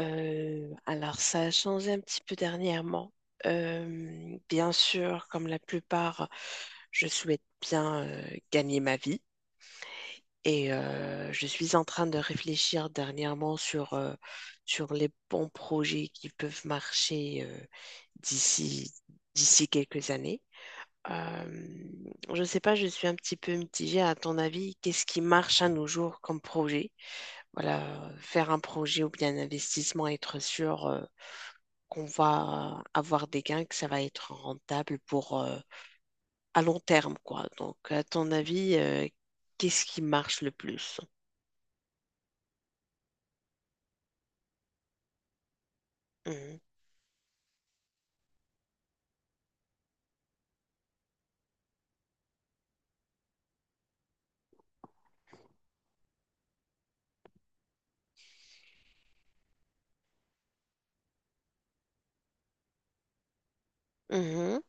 Alors, ça a changé un petit peu dernièrement. Bien sûr, comme la plupart, je souhaite bien gagner ma vie et je suis en train de réfléchir dernièrement sur les bons projets qui peuvent marcher d'ici, d'ici quelques années. Euh, je ne sais pas, je suis un petit peu mitigée. À ton avis, qu'est-ce qui marche à nos jours comme projet? Voilà, faire un projet ou bien un investissement, être sûr, qu'on va avoir des gains, que ça va être rentable pour à long terme, quoi. Donc, à ton avis, qu'est-ce qui marche le plus? Mhm. Mhm.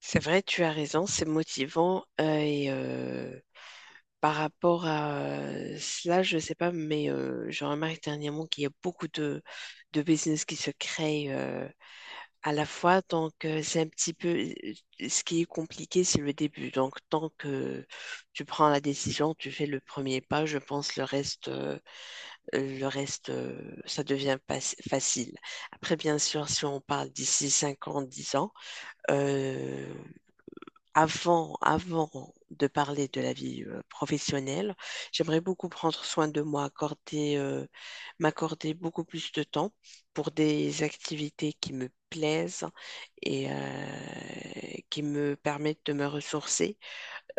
C'est vrai, tu as raison, c'est motivant. Et par rapport à cela, je ne sais pas, mais je remarque dernièrement qu'il y a beaucoup de business qui se créent à la fois, donc c'est un petit peu ce qui est compliqué, c'est le début. Donc tant que tu prends la décision, tu fais le premier pas, je pense le reste, ça devient facile. Après, bien sûr, si on parle d'ici 5 ans, 10 ans, euh, avant de parler de la vie professionnelle, j'aimerais beaucoup prendre soin de moi, m'accorder beaucoup plus de temps pour des activités qui me plaisent et qui me permettent de me ressourcer.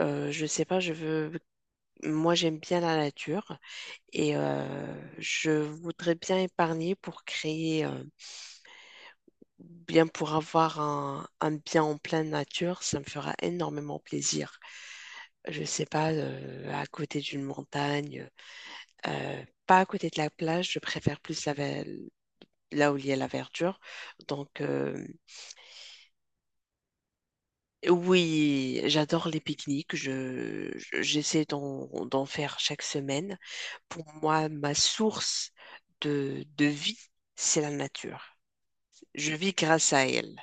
Je sais pas, je veux, moi j'aime bien la nature et je voudrais bien épargner pour avoir un bien en pleine nature, ça me fera énormément plaisir. Je sais pas, à côté d'une montagne, pas à côté de la plage, je préfère plus là où il y a la verdure. Donc, oui, j'adore les pique-niques. J'essaie d'en faire chaque semaine. Pour moi, ma source de vie, c'est la nature. Je vis grâce à elle.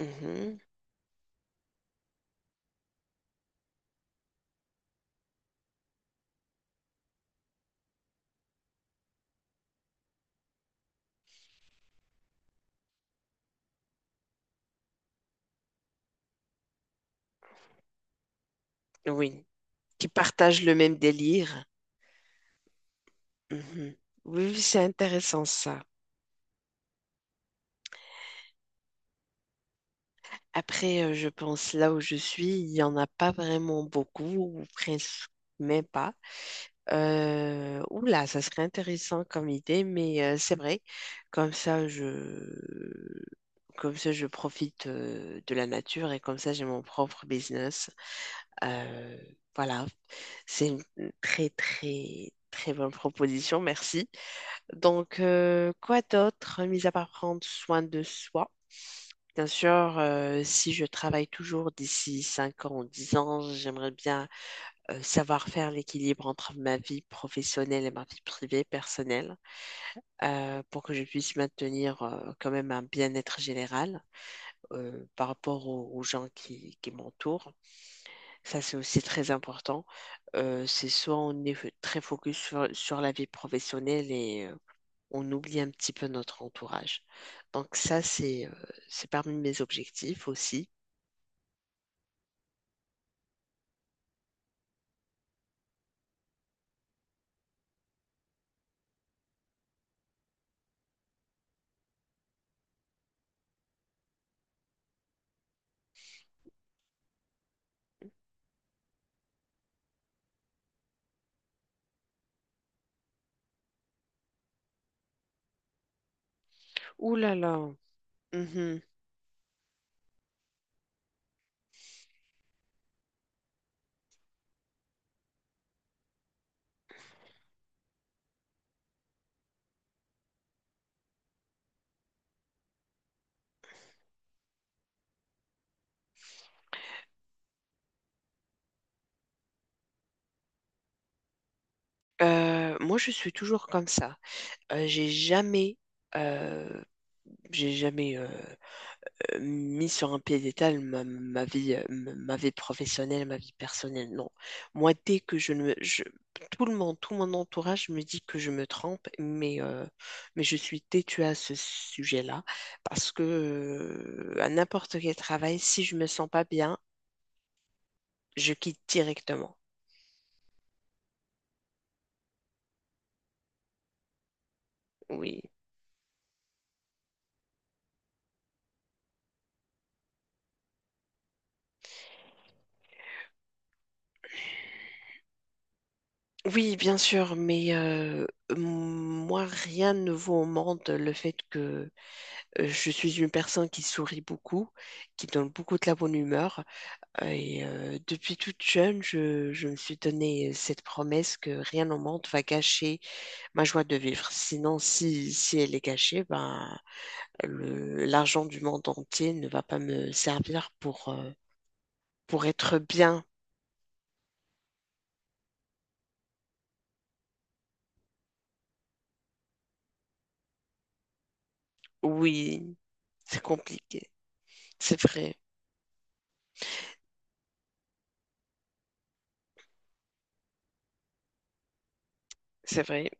Mhm. Oui. Qui partagent le même délire. Mhm. Oui, oui, c'est intéressant ça. Après, je pense là où je suis, il n'y en a pas vraiment beaucoup, ou presque même pas. Oula, ça serait intéressant comme idée, mais c'est vrai. Comme ça, je, comme ça, je profite de la nature et comme ça, j'ai mon propre business. Euh, voilà, c'est une très, très, très bonne proposition. Merci. Donc, quoi d'autre, mis à part prendre soin de soi? Bien sûr, si je travaille toujours d'ici 5 ans ou 10 ans, j'aimerais bien savoir faire l'équilibre entre ma vie professionnelle et ma vie privée, personnelle, pour que je puisse maintenir quand même un bien-être général par rapport aux gens qui m'entourent. Ça, c'est aussi très important. C'est soit on est très focus sur la vie professionnelle et on oublie un petit peu notre entourage. Donc ça, c'est parmi mes objectifs aussi. Ouh là là. Mhm. Moi, je suis toujours comme ça. Euh, j'ai jamais, euh, j'ai jamais mis sur un piédestal ma vie professionnelle, ma vie personnelle. Non. Moi, dès que je ne me, je- tout le monde, tout mon entourage me dit que je me trompe, mais je suis têtue à ce sujet-là parce que à n'importe quel travail, si je me sens pas bien, je quitte directement. Oui. Oui, bien sûr, mais moi, rien ne vaut au monde le fait que je suis une personne qui sourit beaucoup, qui donne beaucoup de la bonne humeur. Et depuis toute jeune, je me suis donné cette promesse que rien au monde va gâcher ma joie de vivre. Sinon, si elle est gâchée, ben, l'argent du monde entier ne va pas me servir pour être bien. Oui, c'est compliqué. C'est vrai, c'est vrai.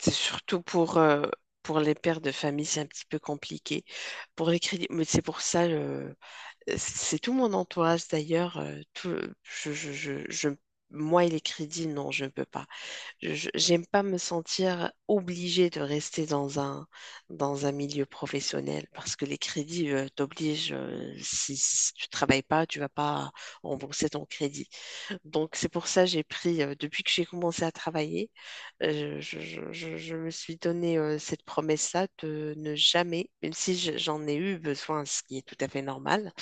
C'est surtout pour les pères de famille, c'est un petit peu compliqué. Pour les crédits, mais c'est pour ça. C'est tout mon entourage d'ailleurs. Tout, je, je, je, je- moi et les crédits, non, je ne peux pas. J'aime pas me sentir obligée de rester dans un milieu professionnel parce que les crédits t'obligent. Si tu travailles pas, tu vas pas rembourser ton crédit. Donc c'est pour ça que j'ai pris, depuis que j'ai commencé à travailler, je me suis donné cette promesse-là de ne jamais, même si j'en ai eu besoin, ce qui est tout à fait normal.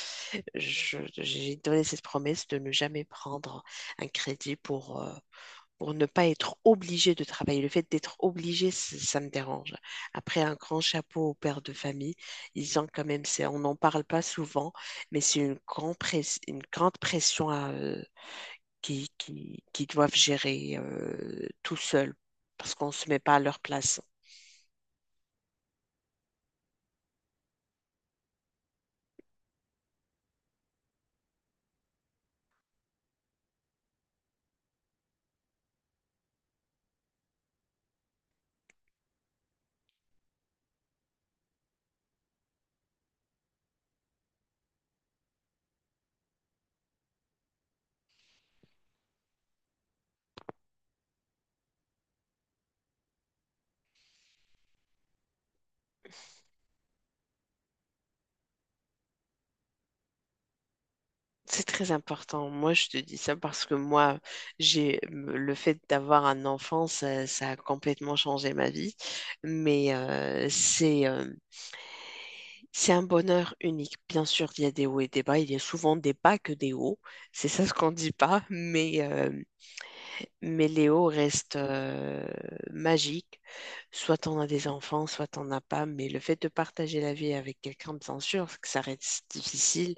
J'ai donné cette promesse de ne jamais prendre un crédit pour ne pas être obligé de travailler. Le fait d'être obligé, ça me dérange. Après, un grand chapeau aux pères de famille, ils ont quand même, on n'en parle pas souvent, mais c'est une grande pression qui doivent gérer tout seuls parce qu'on ne se met pas à leur place. C'est très important. Moi, je te dis ça parce que moi, j'ai le fait d'avoir un enfant, ça a complètement changé ma vie. Mais c'est un bonheur unique. Bien sûr, il y a des hauts et des bas. Il y a souvent des bas que des hauts. C'est ça ce qu'on dit pas. Mais Léo reste magique. Soit t'en as des enfants, soit t'en as pas. Mais le fait de partager la vie avec quelqu'un, bien sûr, que ça reste difficile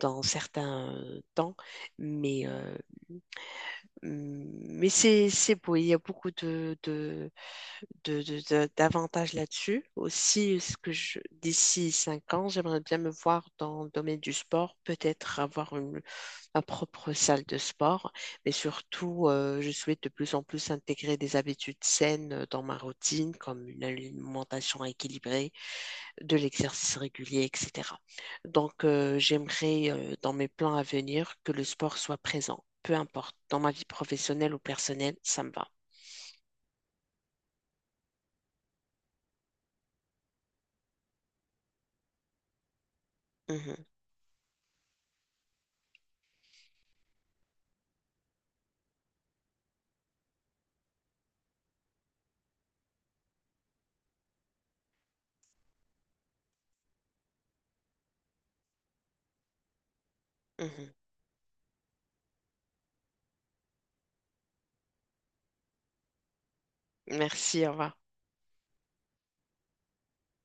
dans certains temps. Mais, euh, mais c'est beau. Il y a beaucoup d'avantages là-dessus. Aussi, d'ici 5 ans, j'aimerais bien me voir dans le domaine du sport. Peut-être avoir une ma propre salle de sport, mais surtout, je souhaite de plus en plus intégrer des habitudes saines dans ma routine, comme une alimentation équilibrée, de l'exercice régulier, etc. Donc, j'aimerais, dans mes plans à venir, que le sport soit présent, peu importe, dans ma vie professionnelle ou personnelle, ça me va. Mhm, mhm. Merci, au revoir.